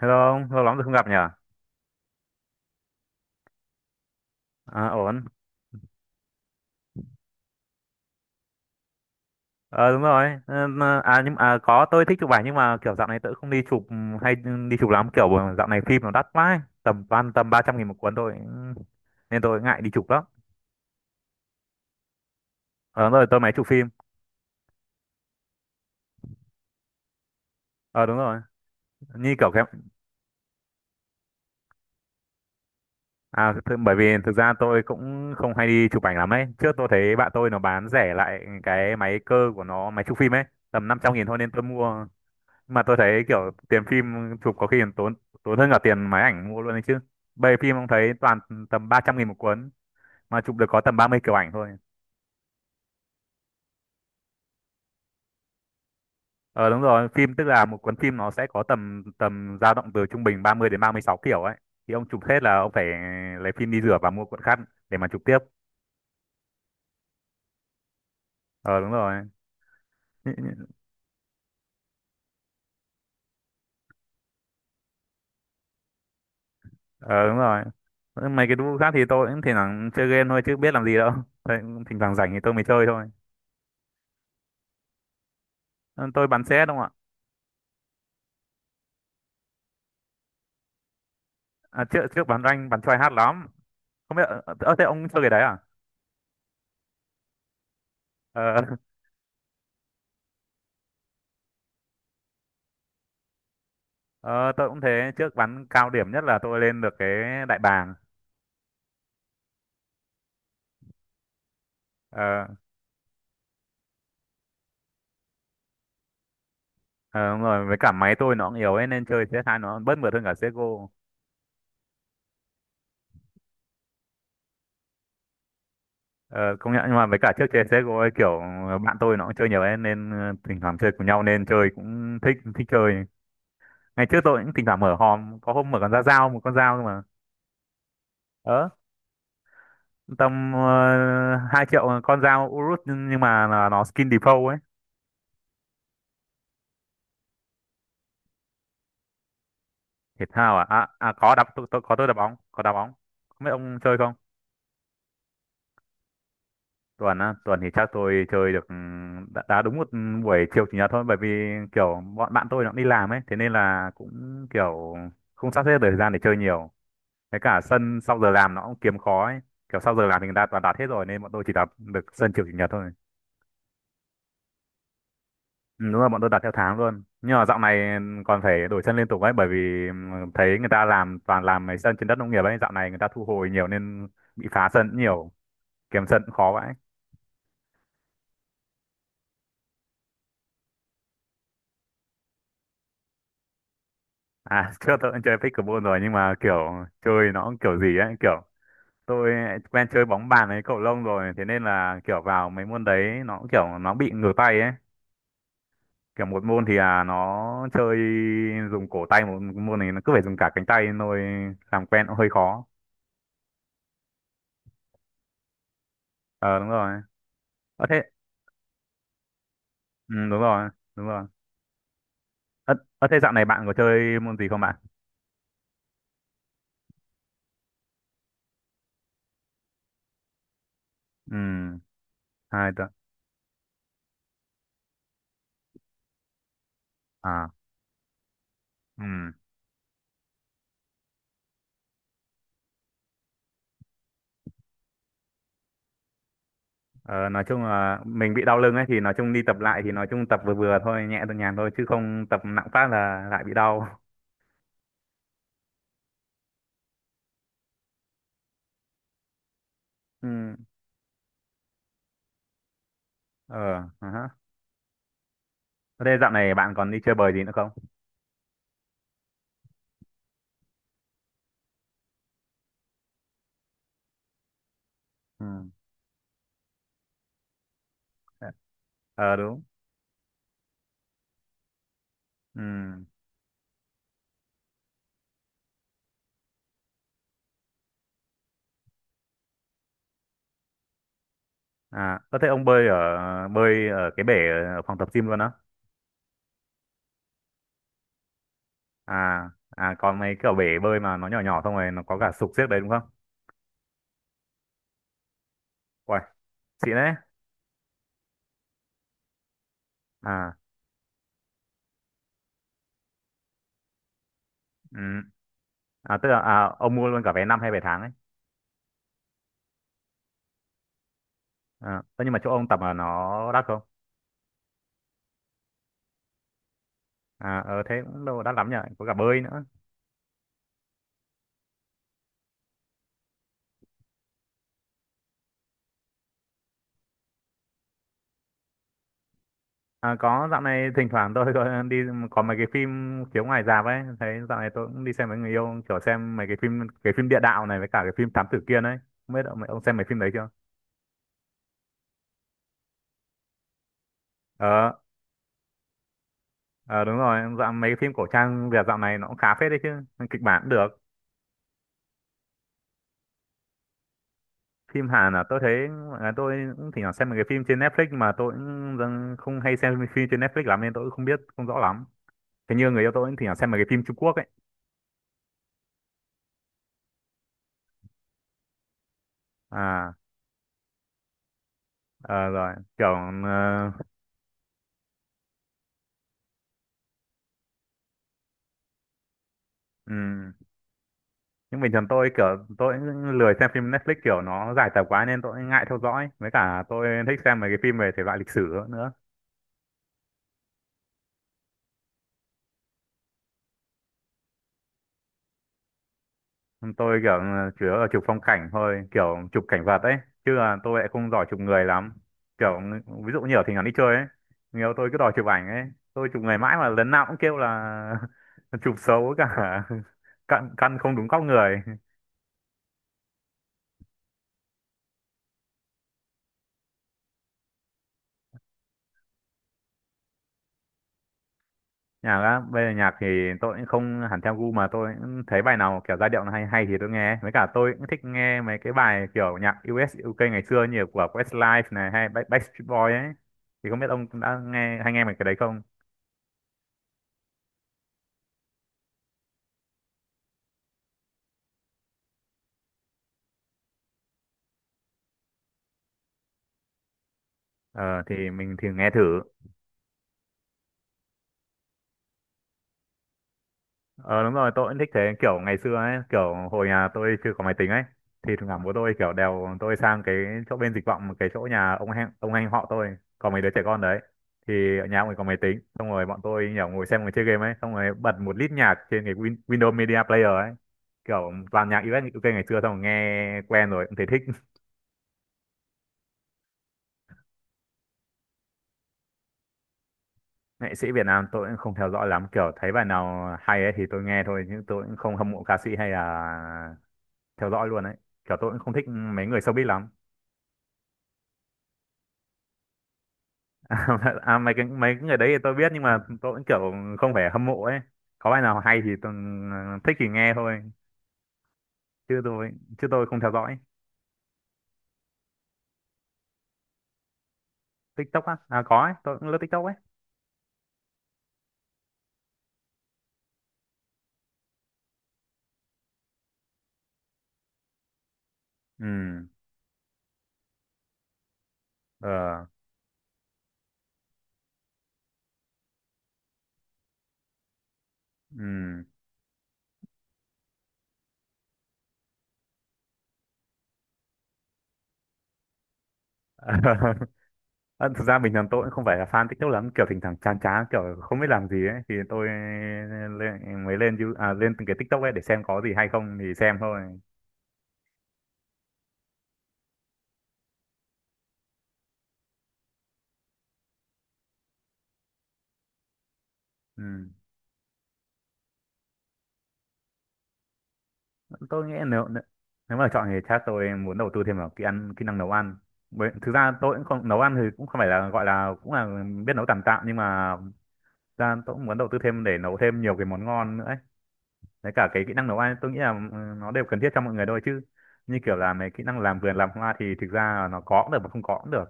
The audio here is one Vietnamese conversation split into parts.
Hello ông, lâu lắm rồi không gặp nhỉ? À, ổn. Ờ đúng rồi. Có tôi thích chụp ảnh nhưng mà kiểu dạo này tôi không đi chụp hay đi chụp lắm. Kiểu dạo này phim nó đắt quá, ấy. Tầm 300.000 một cuốn thôi, nên tôi ngại đi chụp lắm. Ờ đúng rồi, tôi máy chụp phim. Ờ đúng rồi. Như kiểu cái à th bởi vì thực ra tôi cũng không hay đi chụp ảnh lắm ấy. Trước tôi thấy bạn tôi nó bán rẻ lại cái máy cơ của nó, máy chụp phim ấy, tầm 500.000 thôi nên tôi mua. Mà tôi thấy kiểu tiền phim chụp có khi còn tốn tốn hơn cả tiền máy ảnh mua luôn đấy chứ. Bây giờ phim ông thấy toàn tầm 300.000 một cuốn mà chụp được có tầm 30 kiểu ảnh thôi. Ờ đúng rồi, phim tức là một cuốn phim nó sẽ có tầm tầm dao động từ trung bình 30 đến 36 kiểu ấy, thì ông chụp hết là ông phải lấy phim đi rửa và mua cuộn khác để mà chụp tiếp. Ờ đúng rồi. Ờ đúng rồi. Mấy cái vụ khác thì tôi cũng thỉnh thoảng chơi game thôi chứ biết làm gì đâu. Thế, thỉnh thoảng rảnh thì tôi mới chơi thôi. Ờ, tôi bắn xe đúng không ạ. À, trước trước bắn rank bắn try hard lắm. Không biết thế ông chơi cái đấy à. Ờ, ờ, tôi cũng thế. Trước bắn cao điểm nhất là tôi lên được cái đại bàng. ờ, ờ, đúng rồi, với cả máy tôi nó cũng yếu ấy, nên chơi CS2 nó bớt mượt hơn cả CSGO. Ờ, công nhận. Nhưng mà với cả trước chơi CSGO ấy, bạn tôi nó cũng chơi nhiều ấy, nên thỉnh thoảng chơi cùng nhau nên chơi cũng thích thích chơi. Ngày trước tôi cũng thỉnh thoảng mở hòm, có hôm mở con ra dao một con dao cơ mà. Ờ tầm uh, 2 triệu con dao Urus nhưng mà là nó skin default ấy. Thể thao à. Có đá, tôi có tôi đá bóng, có đá bóng. Không biết ông chơi không. Tuần á, tuần thì chắc tôi chơi được, đá đúng một buổi chiều chủ nhật thôi, bởi vì kiểu bọn bạn tôi nó cũng đi làm ấy, thế nên là cũng kiểu không sắp xếp được thời gian để chơi nhiều. Với cả sân sau giờ làm nó cũng kiếm khó ấy, kiểu sau giờ làm thì người ta toàn đặt hết rồi nên bọn tôi chỉ đặt được sân chiều chủ nhật thôi. Ừ, đúng, là bọn tôi đặt theo tháng luôn. Nhưng mà dạo này còn phải đổi sân liên tục ấy, bởi vì thấy người ta làm toàn làm mấy sân trên đất nông nghiệp ấy, dạo này người ta thu hồi nhiều nên bị phá sân cũng nhiều. Kiếm trận khó vậy. À, trước tôi cũng chơi pickleball rồi, nhưng mà kiểu chơi nó cũng kiểu gì ấy, kiểu tôi quen chơi bóng bàn ấy, cầu lông rồi, thế nên là kiểu vào mấy môn đấy nó cũng kiểu nó bị ngửa tay ấy. Kiểu một môn thì là nó chơi dùng cổ tay, một môn này nó cứ phải dùng cả cánh tay thôi, làm quen cũng hơi khó. Ờ đúng rồi. Ờ thế, ừ, đúng rồi, đúng rồi. Ờ, ờ thế dạo này bạn có chơi môn gì không bạn? Ừ, 2 tuần. À, ừ. Ờ, nói chung là mình bị đau lưng ấy thì nói chung đi tập lại thì nói chung tập vừa vừa thôi, nhẹ thôi, nhàn thôi, chứ không tập nặng phát là lại bị đau. Ừ. Ờ hả. Thế dạo này bạn còn đi chơi bời gì nữa không? Ừ. Ờ đúng. Ừ. À có thể ông bơi ở cái bể ở phòng tập gym luôn á? À, à còn mấy cái ở bể bơi mà nó nhỏ nhỏ xong rồi nó có cả sục xiếc đấy đúng không? Uầy, xịn đấy. À. Ừ. À tức là ông mua luôn cả vé năm hay vé tháng ấy? À, thế nhưng mà chỗ ông tập là nó đắt không? À, ờ thế cũng đâu đắt lắm nhỉ, có cả bơi nữa. À, có, dạo này thỉnh thoảng tôi có đi, có mấy cái phim chiếu ngoài rạp ấy, thấy dạo này tôi cũng đi xem với người yêu, kiểu xem mấy cái phim, cái phim địa đạo này với cả cái phim Thám Tử Kiên ấy. Không biết ông xem mấy phim đấy chưa? Ờ, ờ đúng rồi, dạo mấy cái phim cổ trang Việt dạo này nó cũng khá phết đấy chứ, kịch bản cũng được. Phim Hàn là tôi thấy, à, tôi cũng thỉnh thoảng xem mấy cái phim trên Netflix mà tôi cũng không hay xem phim trên Netflix lắm nên tôi cũng không biết, không rõ lắm. Thế như người yêu tôi cũng thỉnh thoảng xem mấy cái phim Trung Quốc ấy. À. Ờ rồi kiểu ờ, ừm. Nhưng bình thường tôi kiểu tôi cũng lười xem phim Netflix, kiểu nó dài tập quá nên tôi ngại theo dõi, với cả tôi thích xem mấy cái phim về thể loại lịch sử nữa. Tôi kiểu chủ yếu là chụp phong cảnh thôi, kiểu chụp cảnh vật ấy, chứ là tôi lại không giỏi chụp người lắm. Kiểu ví dụ như ở thỉnh thoảng đi chơi ấy, nhiều tôi cứ đòi chụp ảnh ấy, tôi chụp người mãi mà lần nào cũng kêu là chụp xấu cả căn căn không đúng góc người. Nhạc á, bây giờ nhạc thì tôi cũng không hẳn theo gu, mà tôi cũng thấy bài nào kiểu giai điệu nó hay hay thì tôi nghe, với cả tôi cũng thích nghe mấy cái bài kiểu nhạc US UK ngày xưa như của Westlife này, hay Backstreet Boys ấy. Thì không biết ông đã nghe nghe mấy cái đấy không? Ờ thì mình thử nghe thử. Ờ đúng rồi, tôi cũng thích thế. Kiểu ngày xưa ấy, kiểu hồi nhà tôi chưa có máy tính ấy, thì thỉnh thoảng bố tôi kiểu đèo tôi sang cái chỗ bên Dịch Vọng, cái chỗ nhà ông anh, ông anh họ tôi có mấy đứa trẻ con đấy, thì ở nhà ông ấy có máy tính, xong rồi bọn tôi nhỏ ngồi xem ngồi chơi game ấy, xong rồi bật một lít nhạc trên cái Windows Media Player ấy, kiểu toàn nhạc US UK ngày xưa, xong rồi nghe quen rồi cũng thấy thích. Nghệ sĩ Việt Nam tôi cũng không theo dõi lắm, kiểu thấy bài nào hay ấy thì tôi nghe thôi, nhưng tôi cũng không hâm mộ ca sĩ hay là theo dõi luôn ấy. Kiểu tôi cũng không thích mấy người showbiz lắm. À, à, mấy cái người đấy thì tôi biết, nhưng mà tôi vẫn kiểu không phải hâm mộ ấy. Có bài nào hay thì tôi thích thì nghe thôi, chứ tôi chứ tôi không theo dõi. TikTok á, à có ấy, tôi cũng lướt TikTok ấy. Ừ. Ờ. Ừ. Ờ, thực ra bình thường tôi cũng không phải là fan TikTok lắm, kiểu thỉnh thoảng chán chán kiểu không biết làm gì ấy thì tôi lên, mới lên You- à, lên từng cái TikTok ấy để xem có gì hay không thì xem thôi. Ừ, tôi nghĩ nếu nếu mà chọn thì chắc tôi muốn đầu tư thêm vào kỹ năng nấu ăn. Bởi, thực ra tôi cũng không nấu ăn thì cũng không phải là, gọi là cũng là biết nấu tạm tạm, nhưng mà thực ra tôi cũng muốn đầu tư thêm để nấu thêm nhiều cái món ngon nữa ấy. Đấy, cả cái kỹ năng nấu ăn tôi nghĩ là, ừ, nó đều cần thiết cho mọi người thôi, chứ như kiểu là mấy kỹ năng làm vườn làm hoa thì thực ra là nó có cũng được mà không có cũng được,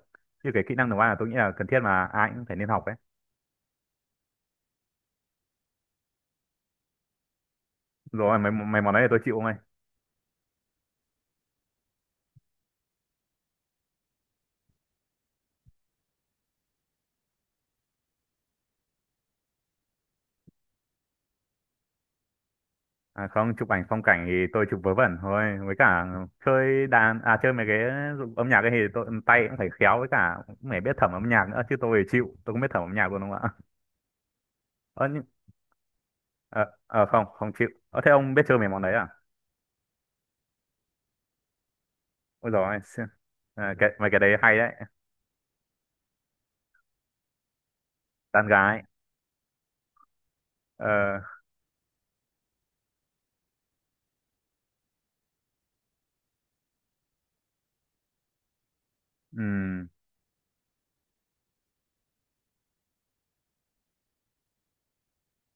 chứ cái kỹ năng nấu ăn là tôi nghĩ là cần thiết mà ai cũng phải nên học ấy. Rồi mấy mấy món đấy thì tôi chịu. À không, chụp ảnh phong cảnh thì tôi chụp vớ vẩn thôi, với cả chơi đàn, à chơi mấy cái âm nhạc ấy thì tôi tay cũng phải khéo, với cả cũng phải biết thẩm âm nhạc nữa, chứ tôi thì chịu, tôi không biết thẩm âm nhạc luôn đúng không ạ? Ơ nhưng ờ, không, không chịu. Ờ thế ông biết chơi mấy món đấy à? Ôi giời ơi, à, cái mấy cái đấy hay đấy, đàn gái. Ờ. Ừm,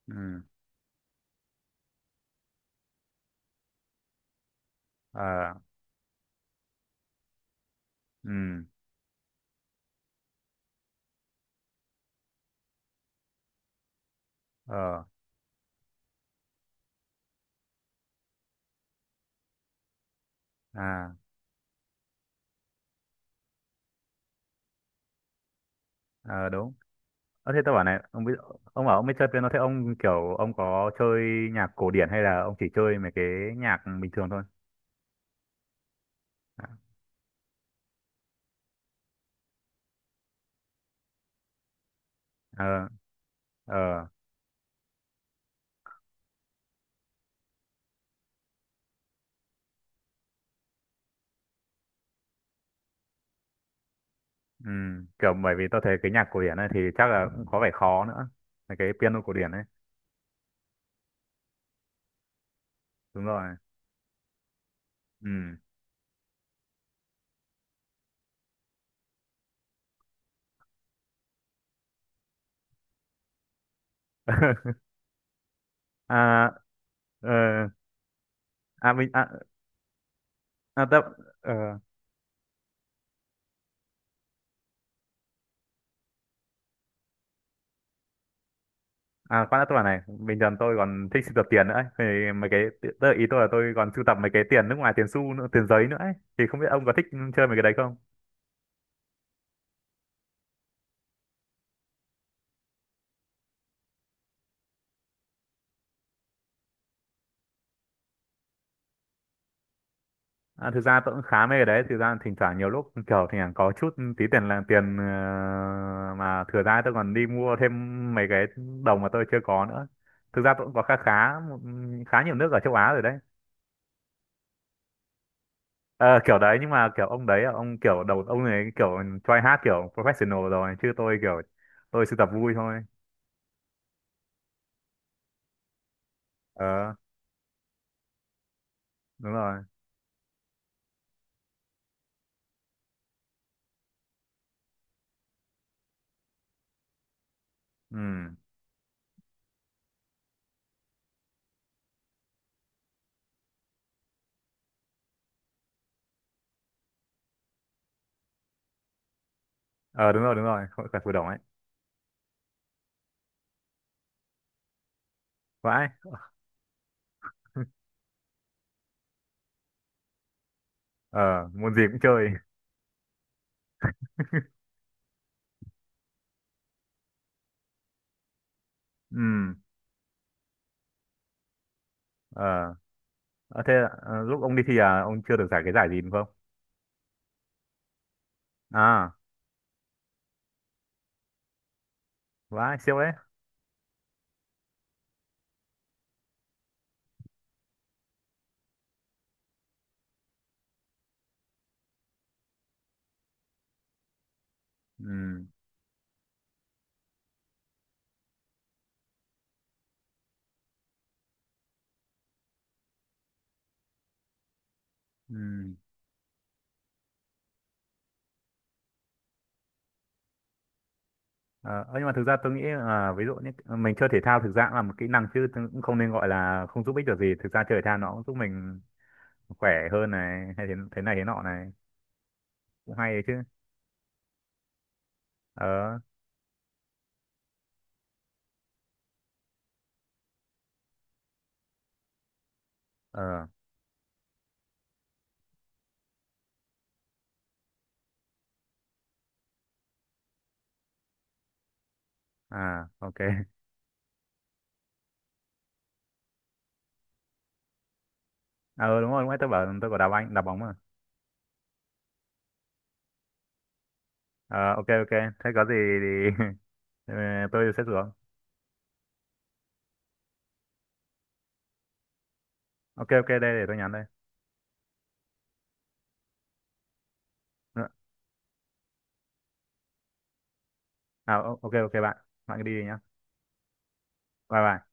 ừm, ờ, ừm, ờ. À. Ờ đúng. Ờ thế tôi bảo này, ông bảo ông biết chơi piano, thế ông kiểu ông có chơi nhạc cổ điển hay là ông chỉ chơi mấy cái nhạc bình thường thôi? À, ờ, ờ, ừ. Kiểu bởi vì tôi thấy cái nhạc cổ điển ấy thì chắc là cũng có vẻ khó nữa. Là cái piano cổ điển ấy. Đúng rồi. Ừ. À. Ờ. À tôi, ờ, à khoan đã tôi bảo này, bình thường tôi còn thích sưu tập tiền nữa ấy. Thì mấy cái, tức là ý tôi là tôi còn sưu tập mấy cái tiền nước ngoài, tiền xu nữa, tiền giấy nữa ấy. Thì không biết ông có thích chơi mấy cái đấy không? À, thực ra tôi cũng khá mê cái đấy, thực ra thỉnh thoảng nhiều lúc kiểu thỉnh thoảng có chút tí tiền là tiền mà thừa ra tôi còn đi mua thêm mấy cái đồng mà tôi chưa có nữa. Thực ra tôi cũng có khá khá khá nhiều nước ở châu Á rồi đấy. Ờ, kiểu đấy, nhưng mà kiểu ông đấy ông kiểu đầu ông này kiểu try hát kiểu professional rồi, chứ tôi kiểu tôi sưu tập vui thôi. Ờ đúng rồi. Ừ. Ờ đúng rồi, đúng rồi, hội cả phù đồng ấy. Vãi. Ờ môn gì cũng chơi. Ừ. Ờ. Ờ, thế lúc ông đi thi à, ông chưa được giải cái giải gì đúng không? À vãi, siêu đấy. Ừ. Ừ. Ờ, ơ, nhưng mà thực ra tôi nghĩ là, ví dụ như mình chơi thể thao thực ra cũng là một kỹ năng chứ, tôi cũng không nên gọi là không giúp ích được gì. Thực ra chơi thể thao nó cũng giúp mình khỏe hơn này, hay thế, thế này thế nọ này, cũng hay đấy chứ. Ờ. Ờ. À ok. Ờ đúng rồi đúng rồi, tôi bảo tôi có đá banh đá bóng mà. Ờ ok ok, thế có gì thì ờ, tôi sẽ xuống. Ok ok đây, để tôi nhắn đây. Ờ, à ok ok bạn, bạn cứ đi đi nhá. Bye bye.